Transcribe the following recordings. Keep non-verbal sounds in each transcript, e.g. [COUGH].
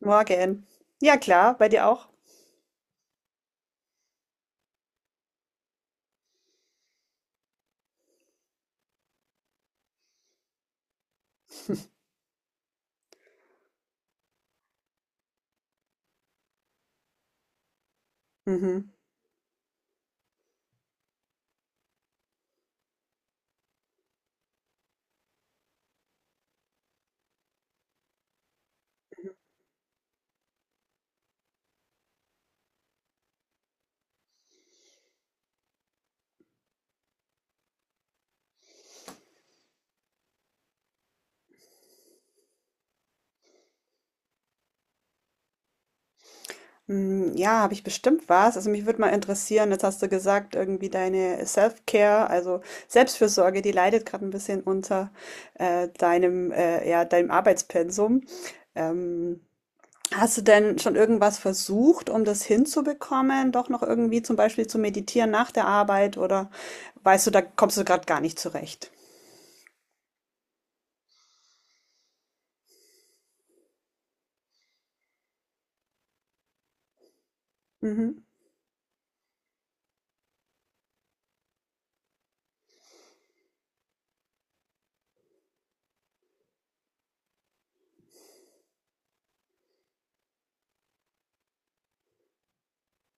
Morgen. Ja, klar, bei dir auch? Mhm. Ja, habe ich bestimmt was. Also mich würde mal interessieren, jetzt hast du gesagt, irgendwie deine Self-Care, also Selbstfürsorge, die leidet gerade ein bisschen unter deinem, ja, deinem Arbeitspensum. Ähm, Hast du denn schon irgendwas versucht, um das hinzubekommen? Doch noch irgendwie zum Beispiel zu meditieren nach der Arbeit oder weißt du, da kommst du gerade gar nicht zurecht? Mhm.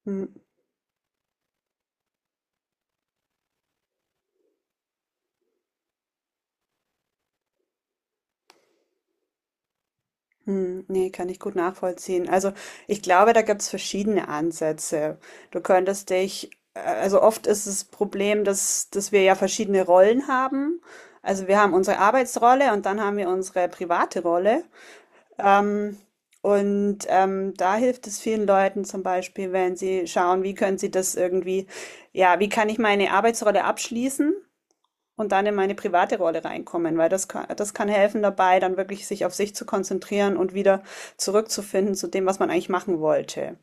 Mm. Nee, kann ich gut nachvollziehen. Also ich glaube, da gibt's verschiedene Ansätze. Du könntest dich, also oft ist das Problem, dass wir ja verschiedene Rollen haben. Also wir haben unsere Arbeitsrolle und dann haben wir unsere private Rolle. Ähm, da hilft es vielen Leuten zum Beispiel, wenn sie schauen, wie können sie das irgendwie, ja, wie kann ich meine Arbeitsrolle abschließen und dann in meine private Rolle reinkommen, weil das kann helfen dabei, dann wirklich sich auf sich zu konzentrieren und wieder zurückzufinden zu dem, was man eigentlich machen wollte.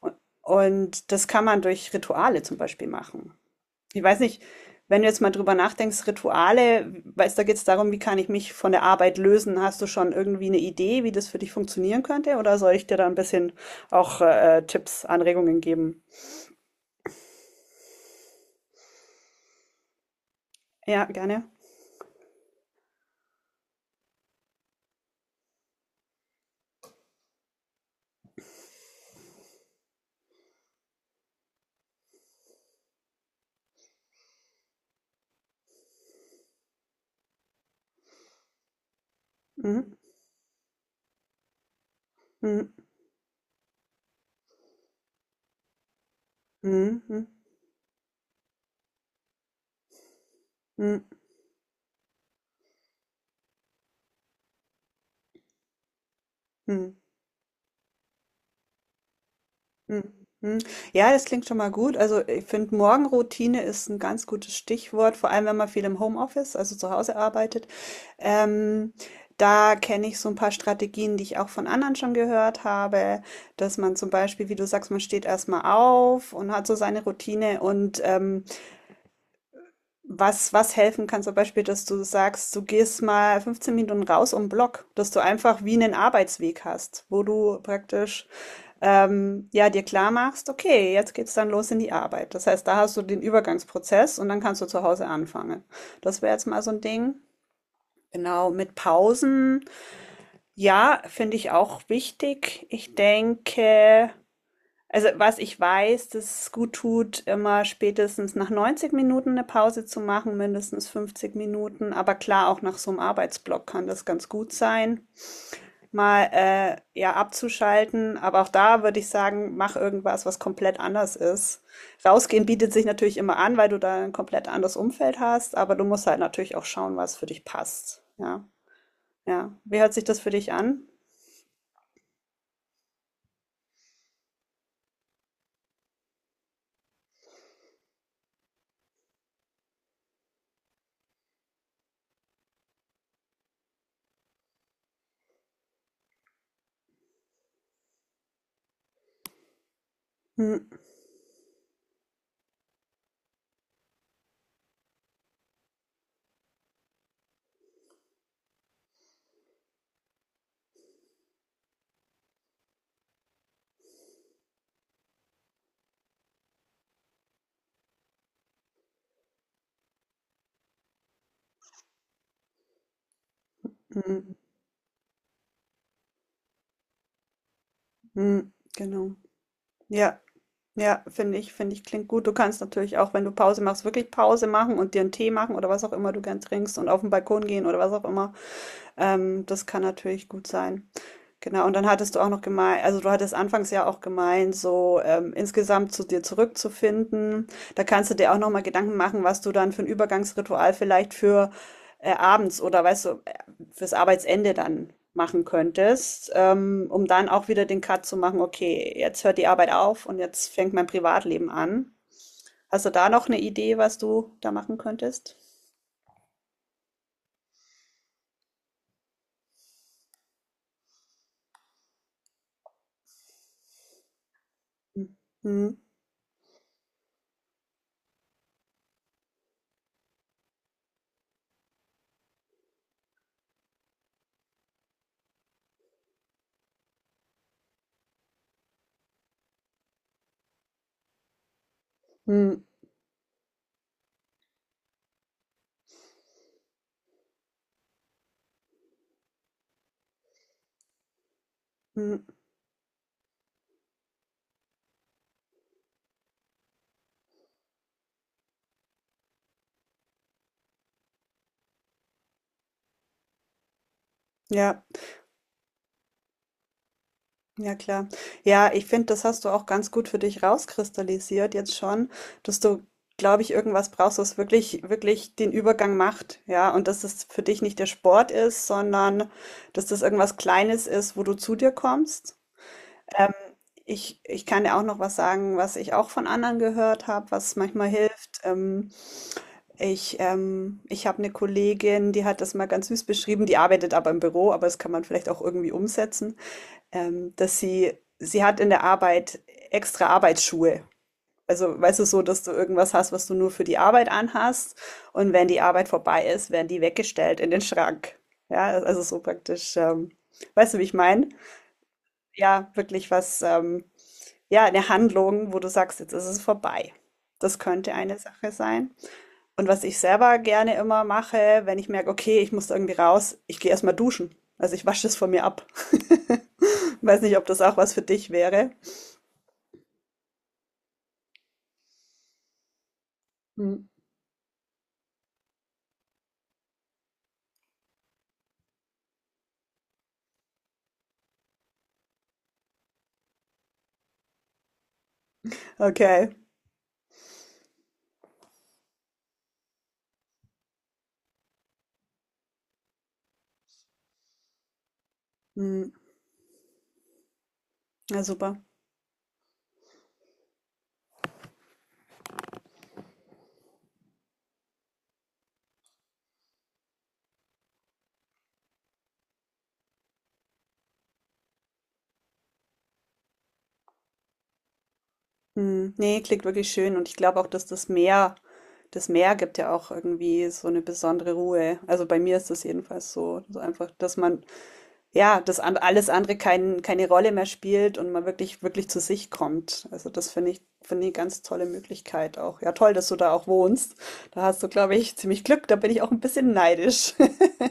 Und, und das kann man durch Rituale zum Beispiel machen. Ich weiß nicht, wenn du jetzt mal drüber nachdenkst, Rituale, weißt, da geht es darum, wie kann ich mich von der Arbeit lösen? Hast du schon irgendwie eine Idee, wie das für dich funktionieren könnte? Oder soll ich dir da ein bisschen auch Tipps, Anregungen geben? Ja, gerne. Mhm. Mhm. Mhm. Mhm. Mhm. Mhm. Ja, das klingt schon mal gut. Also ich finde, Morgenroutine ist ein ganz gutes Stichwort, vor allem wenn man viel im Homeoffice, also zu Hause arbeitet. Ähm, Da kenne ich so ein paar Strategien, die ich auch von anderen schon gehört habe, dass man zum Beispiel, wie du sagst, man steht erstmal auf und hat so seine Routine und was helfen kann, zum Beispiel, dass du sagst, du gehst mal 15 Minuten raus um den Block, dass du einfach wie einen Arbeitsweg hast, wo du praktisch ja, dir klar machst, okay, jetzt geht's dann los in die Arbeit. Das heißt, da hast du den Übergangsprozess und dann kannst du zu Hause anfangen. Das wäre jetzt mal so ein Ding. Genau, mit Pausen, ja, finde ich auch wichtig. Ich denke, also was ich weiß, dass es gut tut, immer spätestens nach 90 Minuten eine Pause zu machen, mindestens 50 Minuten. Aber klar, auch nach so einem Arbeitsblock kann das ganz gut sein mal ja abzuschalten. Aber auch da würde ich sagen, mach irgendwas, was komplett anders ist. Rausgehen bietet sich natürlich immer an, weil du da ein komplett anderes Umfeld hast, aber du musst halt natürlich auch schauen, was für dich passt. Ja, ja. Wie hört sich das für dich an? Hm, hm, hm, genau. Ja, ja, finde ich, klingt gut. Du kannst natürlich auch, wenn du Pause machst, wirklich Pause machen und dir einen Tee machen oder was auch immer du gern trinkst und auf den Balkon gehen oder was auch immer. Das kann natürlich gut sein. Genau, und dann hattest du auch noch gemeint also, du hattest anfangs ja auch gemeint, so, insgesamt zu dir zurückzufinden. Da kannst du dir auch noch mal Gedanken machen, was du dann für ein Übergangsritual vielleicht für, abends oder weißt du, fürs Arbeitsende dann machen könntest, um dann auch wieder den Cut zu machen: „Okay, jetzt hört die Arbeit auf und jetzt fängt mein Privatleben an.“ Hast du da noch eine Idee, was du da machen könntest? Mhm. Mhm. Mhm. Mhm. Ja. Ja, klar. Ja, ich finde, das hast du auch ganz gut für dich rauskristallisiert jetzt schon, dass du, glaube ich, irgendwas brauchst, was wirklich, wirklich den Übergang macht. Ja, und dass es für dich nicht der Sport ist, sondern dass das irgendwas Kleines ist, wo du zu dir kommst. Ähm, ich kann dir auch noch was sagen, was ich auch von anderen gehört habe, was manchmal hilft. Ich habe eine Kollegin, die hat das mal ganz süß beschrieben, die arbeitet aber im Büro, aber das kann man vielleicht auch irgendwie umsetzen dass sie hat in der Arbeit extra Arbeitsschuhe. Also, weißt du, so, dass du irgendwas hast, was du nur für die Arbeit anhast. Und wenn die Arbeit vorbei ist, werden die weggestellt in den Schrank. Ja, also so praktisch, weißt du, wie ich meine? Ja, wirklich was, ja, eine Handlung, wo du sagst, jetzt ist es vorbei. Das könnte eine Sache sein. Und was ich selber gerne immer mache, wenn ich merke, okay, ich muss irgendwie raus, ich gehe erstmal duschen. Also ich wasche es von mir ab. [LAUGHS] Weiß nicht, ob das auch was für dich wäre. Hm. Okay. Hm. Ja, super. Hm. Nee, klingt wirklich schön. Und ich glaube auch, dass das Meer gibt ja auch irgendwie so eine besondere Ruhe. Also bei mir ist das jedenfalls so. Also einfach, dass man, ja, dass an- alles andere kein, keine Rolle mehr spielt und man wirklich, wirklich zu sich kommt. Also das finde ich eine ganz tolle Möglichkeit auch. Ja, toll, dass du da auch wohnst. Da hast du, glaube ich, ziemlich Glück. Da bin ich auch ein bisschen neidisch. [LAUGHS]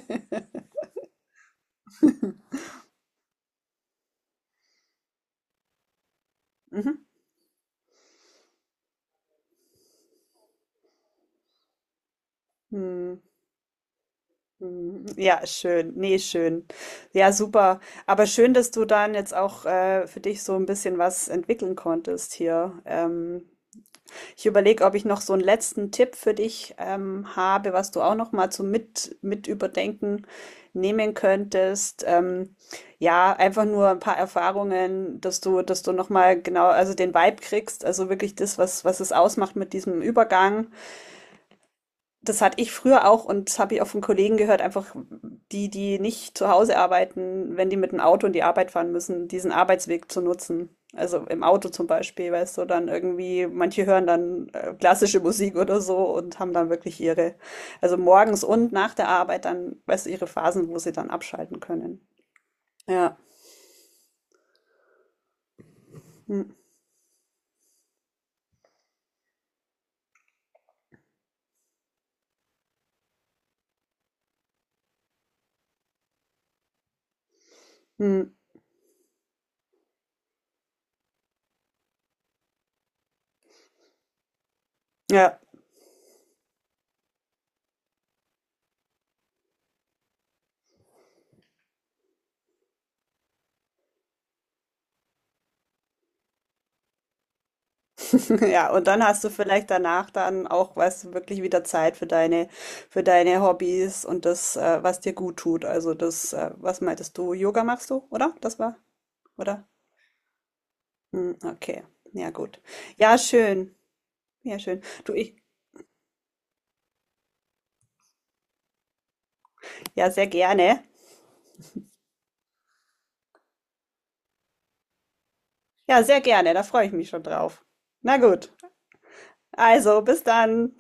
Mhm. Hm. Mhm. Ja, schön. Nee, schön. Ja, super. Aber schön, dass du dann jetzt auch für dich so ein bisschen was entwickeln konntest hier. Ich überlege, ob ich noch so einen letzten Tipp für dich habe, was du auch noch mal zum mit überdenken nehmen könntest. Ja, einfach nur ein paar Erfahrungen, dass du noch mal genau, also den Vibe kriegst, also wirklich das, was es ausmacht mit diesem Übergang. Das hatte ich früher auch und das habe ich auch von Kollegen gehört, einfach die nicht zu Hause arbeiten, wenn die mit dem Auto in die Arbeit fahren müssen, diesen Arbeitsweg zu nutzen. Also im Auto zum Beispiel, weißt du, dann irgendwie, manche hören dann klassische Musik oder so und haben dann wirklich ihre, also morgens und nach der Arbeit dann, weißt du, ihre Phasen, wo sie dann abschalten können. Ja. Hm. Hm. Ja. [LAUGHS] Ja, und dann hast du vielleicht danach dann auch, weißt du, wirklich wieder Zeit für deine Hobbys und das, was dir gut tut. Also das, was meintest du? Yoga machst du, oder? Das war, oder? Hm, okay. Ja, gut. Ja, schön. Ja, schön. Du, ich, ja, sehr gerne. Ja, sehr gerne. Da freue ich mich schon drauf. Na gut. Also, bis dann.